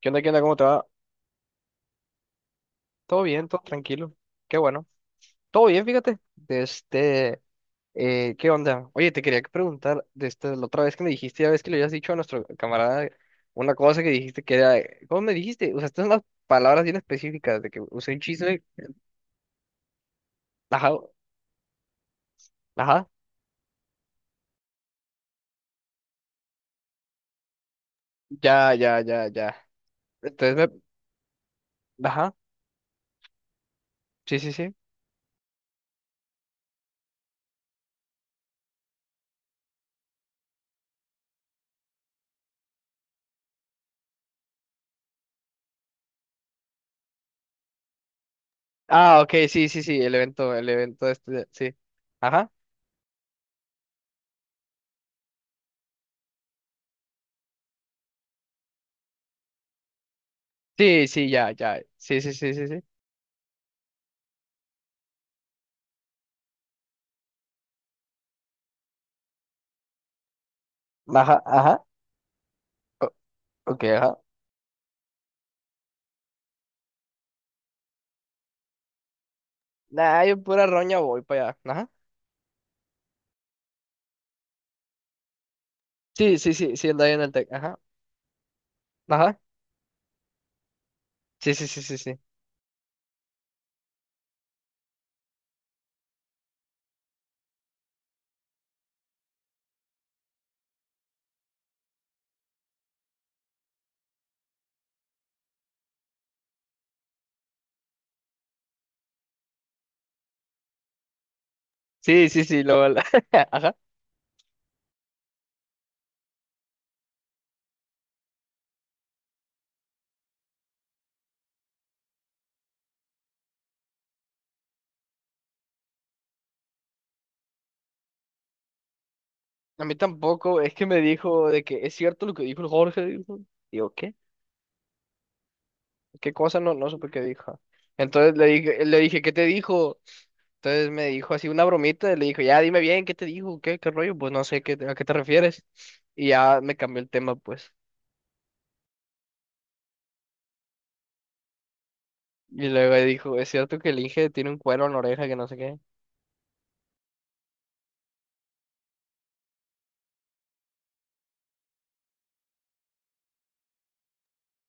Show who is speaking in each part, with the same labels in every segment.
Speaker 1: ¿Qué onda? ¿Qué onda? ¿Cómo te va? Todo bien, todo tranquilo. Qué bueno. Todo bien, fíjate. De este, ¿qué onda? Oye, te quería preguntar, de este, la otra vez que me dijiste, ya ves que le habías dicho a nuestro camarada una cosa que dijiste que era, ¿cómo me dijiste? Usaste unas palabras bien específicas de que usé un chisme. Ajá, ajá. Ya, ya, ya, ya. Entonces me, ajá. Sí, sí, sí. Ah, ok, sí, sí, sí, el evento este, sí. Ajá. Sí, sí, ya, ya. Sí, sí, sí, sí, sí. Ajá, ajá. O- ok, ajá. Nah, yo pura roña voy para allá. Ajá. Sí, sí, sí, sí, el de ahí en el Tec. Ajá. Ajá. Sí, sí, sí, sí, sí. Sí, sí, sí, lo ajá. A mí tampoco, es que me dijo de que es cierto lo que dijo el Jorge, dijo. Digo, ¿qué? ¿Qué cosa? No, no supe qué dijo. Entonces le dije, ¿qué te dijo? Entonces me dijo así una bromita, y le dijo, ya dime bien, ¿qué te dijo? ¿Qué, qué rollo? Pues no sé qué, a qué te refieres. Y ya me cambió el tema, pues. Y luego dijo, es cierto que el Inge tiene un cuero en la oreja que no sé qué.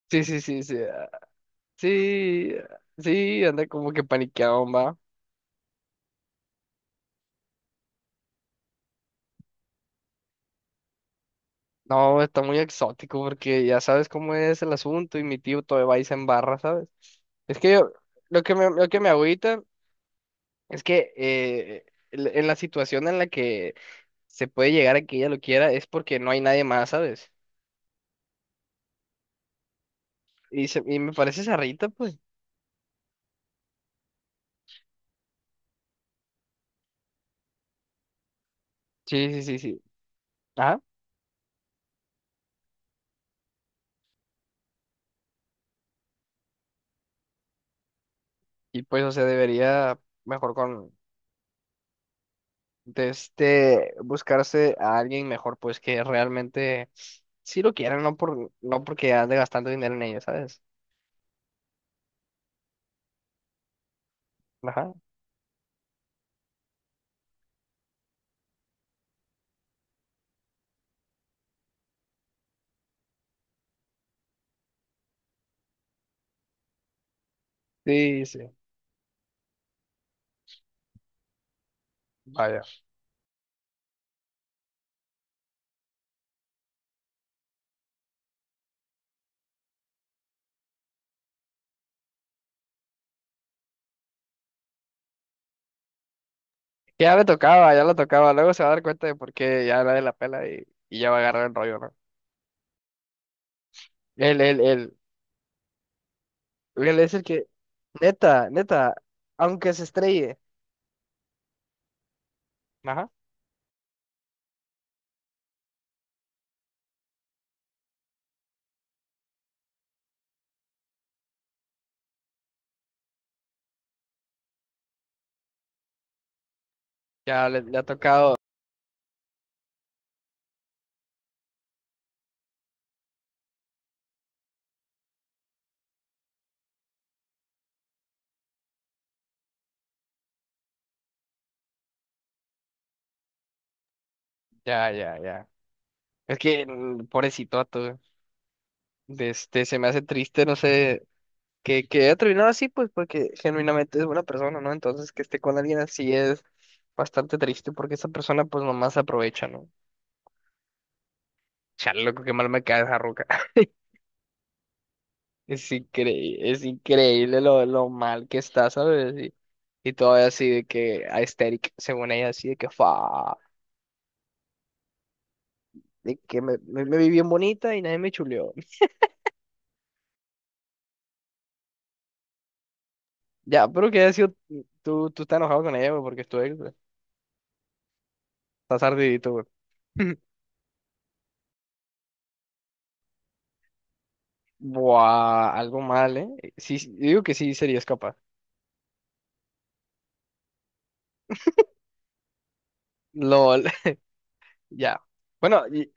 Speaker 1: Sí, sí, sí, sí. Sí, sí, anda como que paniqueado, va. No, está muy exótico porque ya sabes cómo es el asunto y mi tío todavía va y se embarra, ¿sabes? Es que yo, lo que me agüita es que en la situación en la que se puede llegar a que ella lo quiera es porque no hay nadie más, ¿sabes? Y, y me parece esa Rita, pues. Sí, sí, sí, sí. Ajá. Y pues, o sea, debería mejor con... de este buscarse a alguien mejor, pues que realmente sí lo quieran, no por, no porque ande gastando dinero en ello, ¿sabes? Ajá. Sí, sí, vaya. Ya le tocaba, ya lo tocaba. Luego se va a dar cuenta de por qué ya la de la pela y ya va a agarrar el rollo, ¿no? Él, él es el que, neta, neta, aunque se estrelle, ajá, le ha tocado, ya, ya, ya. Es que, mm, pobrecito, tú, de este, se me hace triste, no sé, que haya terminado así, pues porque genuinamente es buena persona, ¿no? Entonces que esté con alguien así es bastante triste porque esa persona pues nomás se aprovecha, ¿no? Chale, loco, qué mal me cae esa roca. Es increíble lo mal que está, ¿sabes? Y todavía así de que a Aesthetic, según ella, así de que fa, de que me vi bien bonita y nadie me chuleó. Ya, pero que haya sido, tú, estás enojado con ella, güey, porque es tu ex, güey. Estás ardidito, güey. Buah, algo mal, ¿eh? Sí, sí, digo que sí serías capaz. LOL, ya. Bueno,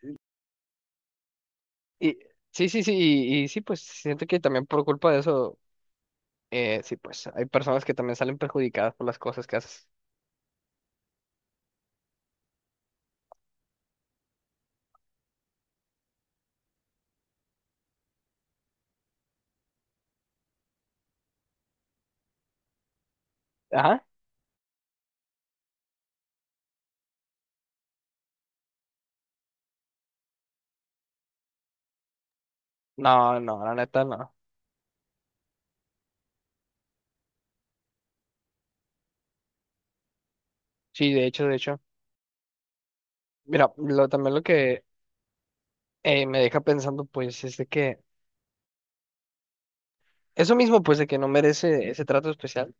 Speaker 1: y- sí, sí, sí, y sí, pues siento que también por culpa de eso, sí, pues hay personas que también salen perjudicadas por las cosas que haces. Ajá. No, no, la neta, no. Sí, de hecho, de hecho. Mira, también lo que me deja pensando, pues, es de que eso mismo, pues, de que no merece ese trato especial.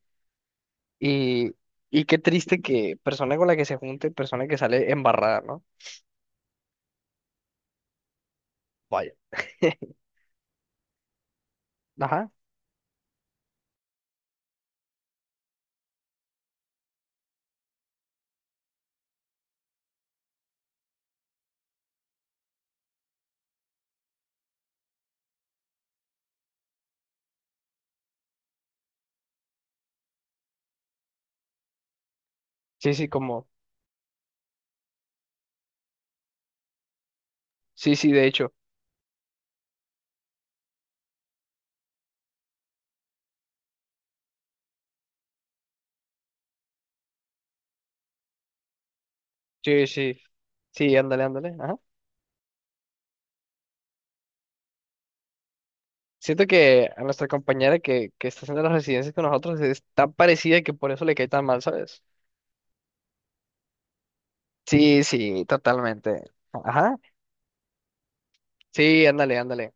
Speaker 1: Y, y qué triste que persona con la que se junte, persona que sale embarrada, ¿no? Vaya. Ajá. Sí, sí, como. Sí, sí, de hecho. Sí, sí. Sí, ándale, ándale. Ajá. Siento que a nuestra compañera que está haciendo las residencias con nosotros es tan parecida que por eso le cae tan mal, ¿sabes? Sí, sí, totalmente. Ajá. Sí, ándale, ándale.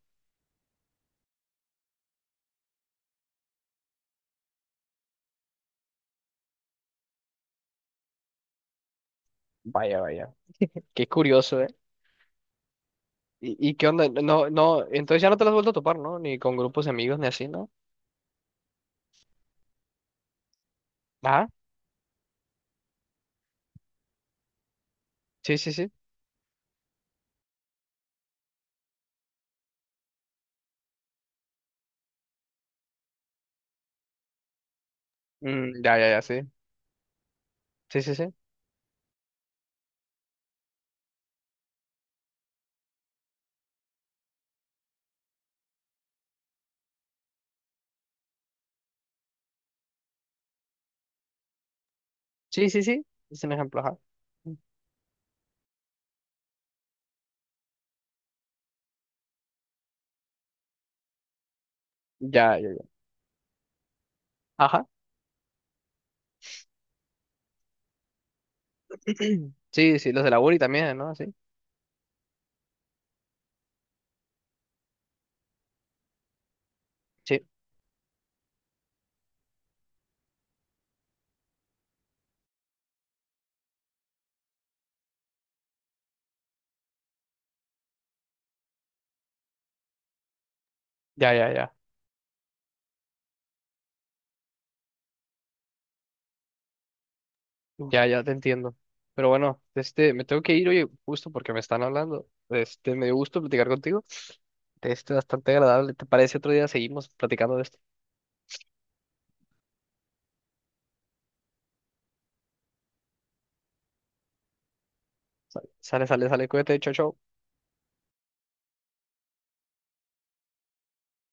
Speaker 1: Vaya, vaya. Qué curioso, ¿eh? Y qué onda? No, no, entonces ya no te las has vuelto a topar, ¿no? Ni con grupos de amigos ni así, ¿no? Ajá. Sí, sí, sí. Mm, ya, ya, ya, sí. Sí, sí, sí. Sí, sí, sí. Es un ejemplo, ajá. Ya, ya, ya. Ajá. Sí, sí, los de la uni también, ¿no? Sí. Sí. Ya, ya, ya. Ya, ya te entiendo. Pero bueno, este, me tengo que ir, oye, justo porque me están hablando. Este, me dio gusto platicar contigo. Este, bastante agradable. ¿Te parece otro día seguimos platicando de esto? Sale, sale, sale, cuídate, chao, chao.